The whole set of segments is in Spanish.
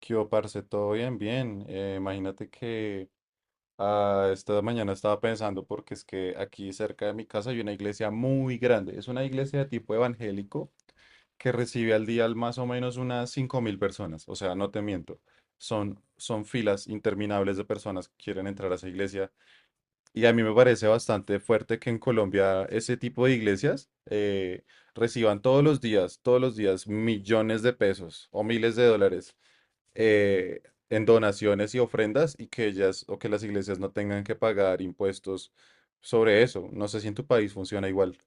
¿Qué hubo, parce? ¿Todo bien? Bien. Imagínate que esta mañana estaba pensando porque es que aquí cerca de mi casa hay una iglesia muy grande. Es una iglesia de tipo evangélico que recibe al día más o menos unas 5.000 personas. O sea, no te miento. Son filas interminables de personas que quieren entrar a esa iglesia. Y a mí me parece bastante fuerte que en Colombia ese tipo de iglesias reciban todos los días millones de pesos o miles de dólares eh, en donaciones y ofrendas y que ellas o que las iglesias no tengan que pagar impuestos sobre eso. No sé si en tu país funciona igual.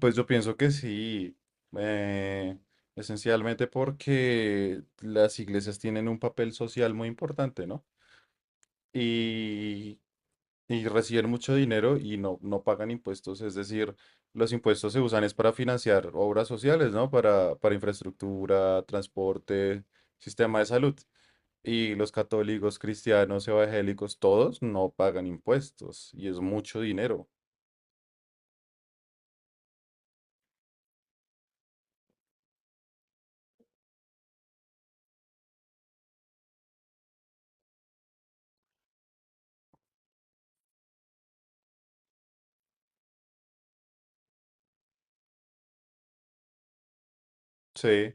Pues yo pienso que sí, eh, esencialmente porque las iglesias tienen un papel social muy importante, ¿no? Y y reciben mucho dinero y no, no pagan impuestos, es decir, los impuestos se usan es para financiar obras sociales, ¿no? Para infraestructura, transporte, sistema de salud. Y los católicos, cristianos, evangélicos, todos no pagan impuestos y es mucho dinero. Sí,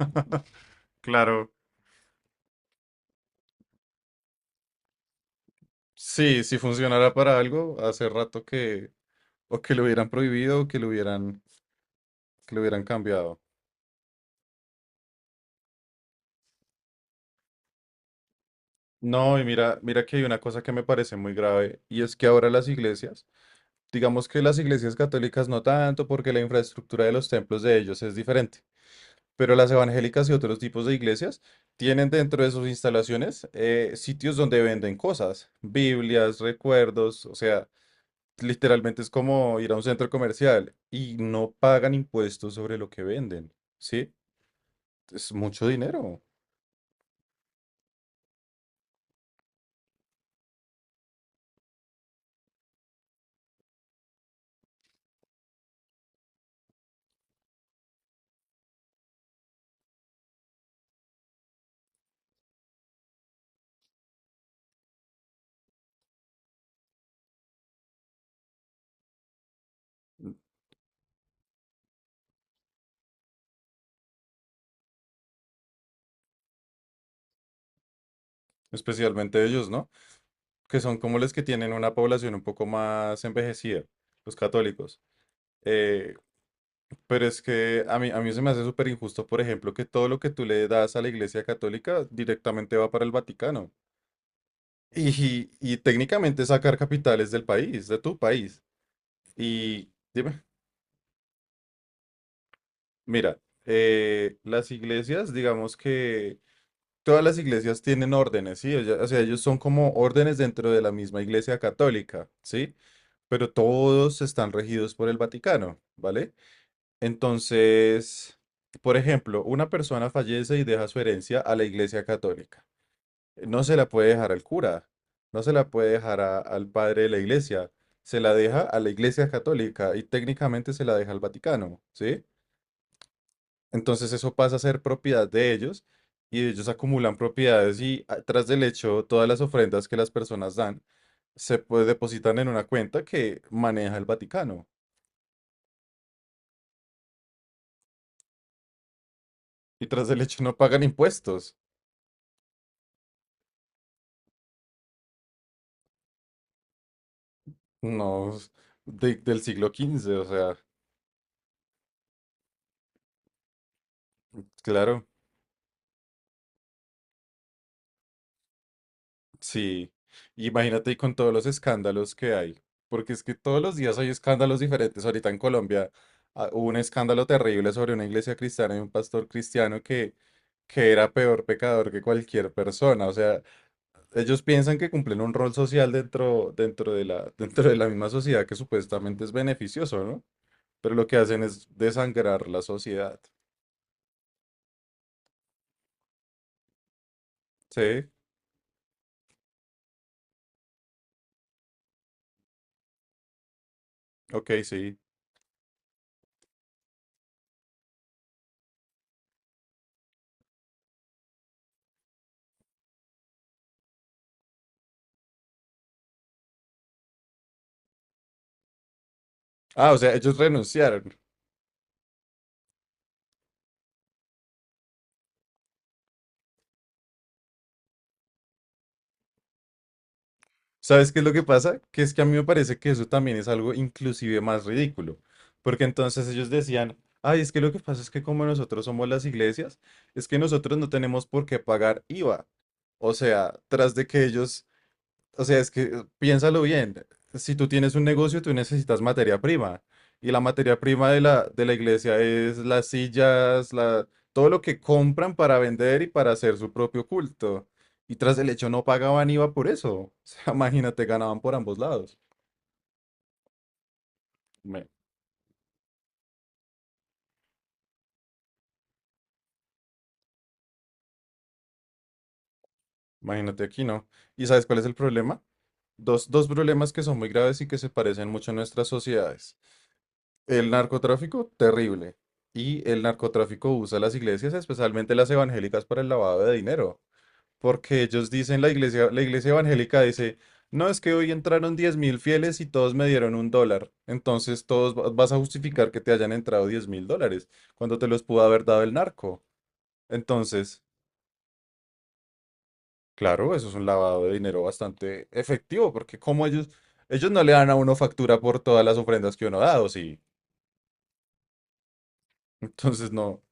claro. Sí, si funcionara para algo, hace rato que o que lo hubieran prohibido o que lo hubieran cambiado. No, y mira, mira que hay una cosa que me parece muy grave y es que ahora las iglesias digamos que las iglesias católicas no tanto porque la infraestructura de los templos de ellos es diferente, pero las evangélicas y otros tipos de iglesias tienen dentro de sus instalaciones sitios donde venden cosas, Biblias, recuerdos, o sea, literalmente es como ir a un centro comercial y no pagan impuestos sobre lo que venden, ¿sí? Es mucho dinero, especialmente ellos, ¿no? Que son como los que tienen una población un poco más envejecida, los católicos. Eh, Pero es que a mí se me hace súper injusto, por ejemplo, que todo lo que tú le das a la Iglesia Católica directamente va para el Vaticano. Y técnicamente sacar capitales del país, de tu país. Y dime, mira, las iglesias, digamos que todas las iglesias tienen órdenes, ¿sí? O sea, ellos son como órdenes dentro de la misma Iglesia Católica, ¿sí? Pero todos están regidos por el Vaticano, ¿vale? Entonces, por ejemplo, una persona fallece y deja su herencia a la Iglesia Católica. No se la puede dejar al cura, no se la puede dejar al padre de la Iglesia, se la deja a la Iglesia Católica y técnicamente se la deja al Vaticano, ¿sí? Entonces eso pasa a ser propiedad de ellos y ellos acumulan propiedades y tras del hecho todas las ofrendas que las personas dan se pues, depositan en una cuenta que maneja el Vaticano y tras del hecho no pagan impuestos. No, s- de- Del siglo XV, o sea, claro, sí. Imagínate y con todos los escándalos que hay, porque es que todos los días hay escándalos diferentes. Ahorita en Colombia hubo un escándalo terrible sobre una iglesia cristiana y un pastor cristiano que era peor pecador que cualquier persona. O sea, ellos piensan que cumplen un rol social dentro de la, dentro de la misma sociedad que supuestamente es beneficioso, ¿no? Pero lo que hacen es desangrar la sociedad. Sí, ok, sí. Ah, o sea, ellos renunciaron. ¿Sabes qué es lo que pasa? Que es que a mí me parece que eso también es algo inclusive más ridículo, porque entonces ellos decían, ay, es que lo que pasa es que como nosotros somos las iglesias, es que nosotros no tenemos por qué pagar IVA. O sea, tras de que ellos o sea, es que piénsalo bien. Si tú tienes un negocio, tú necesitas materia prima. Y la materia prima de la iglesia es las sillas, la, todo lo que compran para vender y para hacer su propio culto. Y tras el hecho no pagaban IVA por eso. O sea, imagínate, ganaban por ambos lados. Me- imagínate aquí, ¿no? ¿Y sabes cuál es el problema? Dos problemas que son muy graves y que se parecen mucho en nuestras sociedades. El narcotráfico, terrible. Y el narcotráfico usa las iglesias, especialmente las evangélicas, para el lavado de dinero. Porque ellos dicen, la iglesia evangélica dice, no, es que hoy entraron 10.000 fieles y todos me dieron un dólar. Entonces todos vas a justificar que te hayan entrado 10.000 dólares, cuando te los pudo haber dado el narco. Entonces, claro, eso es un lavado de dinero bastante efectivo, porque como ellos no le dan a uno factura por todas las ofrendas que uno ha dado, sí. Entonces, no.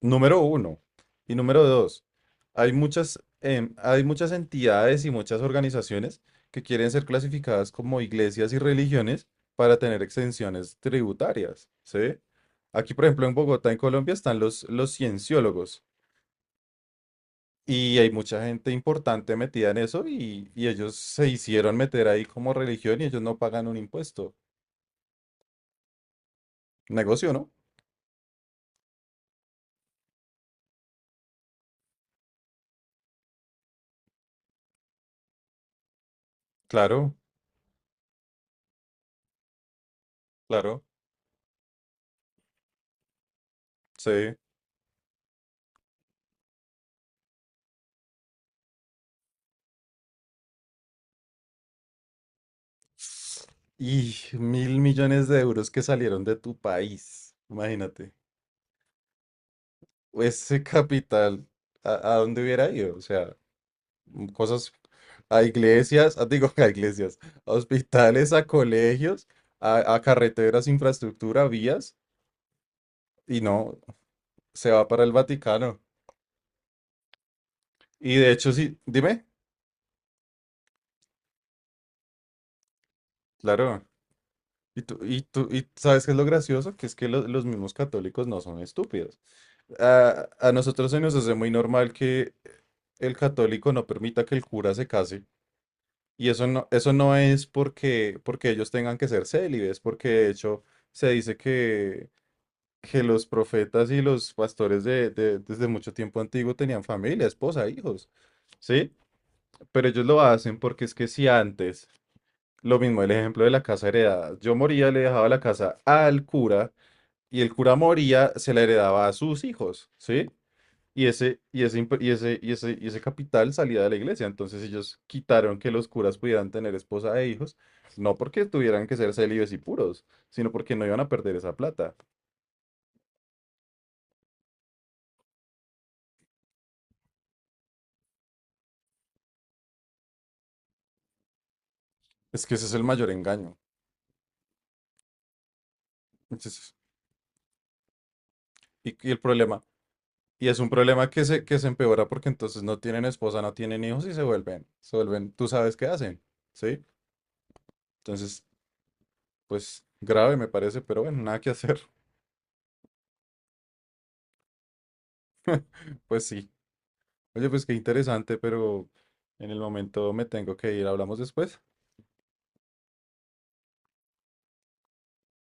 Número uno. Y número dos, hay muchas, hay muchas entidades y muchas organizaciones que quieren ser clasificadas como iglesias y religiones para tener exenciones tributarias, ¿sí? Aquí, por ejemplo, en Bogotá, en Colombia, están los cienciólogos y hay mucha gente importante metida en eso y ellos se hicieron meter ahí como religión y ellos no pagan un impuesto. Negocio, ¿no? Claro, claro, sí. Y 1.000 millones de euros que salieron de tu país, imagínate. Ese capital, a dónde hubiera ido? O sea, mm, cosas a iglesias, ah, digo, a iglesias, a hospitales, a colegios, a carreteras, infraestructura, vías, y no, se va para el Vaticano. Y de hecho, sí, dime, claro. Y tú, y tú, y ¿sabes qué es lo gracioso? Que es que los mismos católicos no son estúpidos. A nosotros se nos hace muy normal que el católico no permita que el cura se case. Y eso no es porque, porque ellos tengan que ser célibes, porque de hecho se dice que los profetas y los pastores desde mucho tiempo antiguo tenían familia, esposa, hijos, ¿sí? Pero ellos lo hacen porque es que si antes, lo mismo el ejemplo de la casa heredada, yo moría, le dejaba la casa al cura y el cura moría, se la heredaba a sus hijos, ¿sí? Y ese, imp- y ese, y ese, Y ese capital salía de la iglesia. Entonces ellos quitaron que los curas pudieran tener esposa e hijos, no porque tuvieran que ser célibes y puros, sino porque no iban a perder esa plata. Es que ese es el mayor engaño. Entonces, y el problema, y es un problema que se empeora porque entonces no tienen esposa, no tienen hijos y se vuelven, tú sabes qué hacen, ¿sí? Entonces, pues grave me parece, pero bueno, nada que hacer. Pues sí. Oye, pues qué interesante, pero en el momento me tengo que ir. ¿Hablamos después?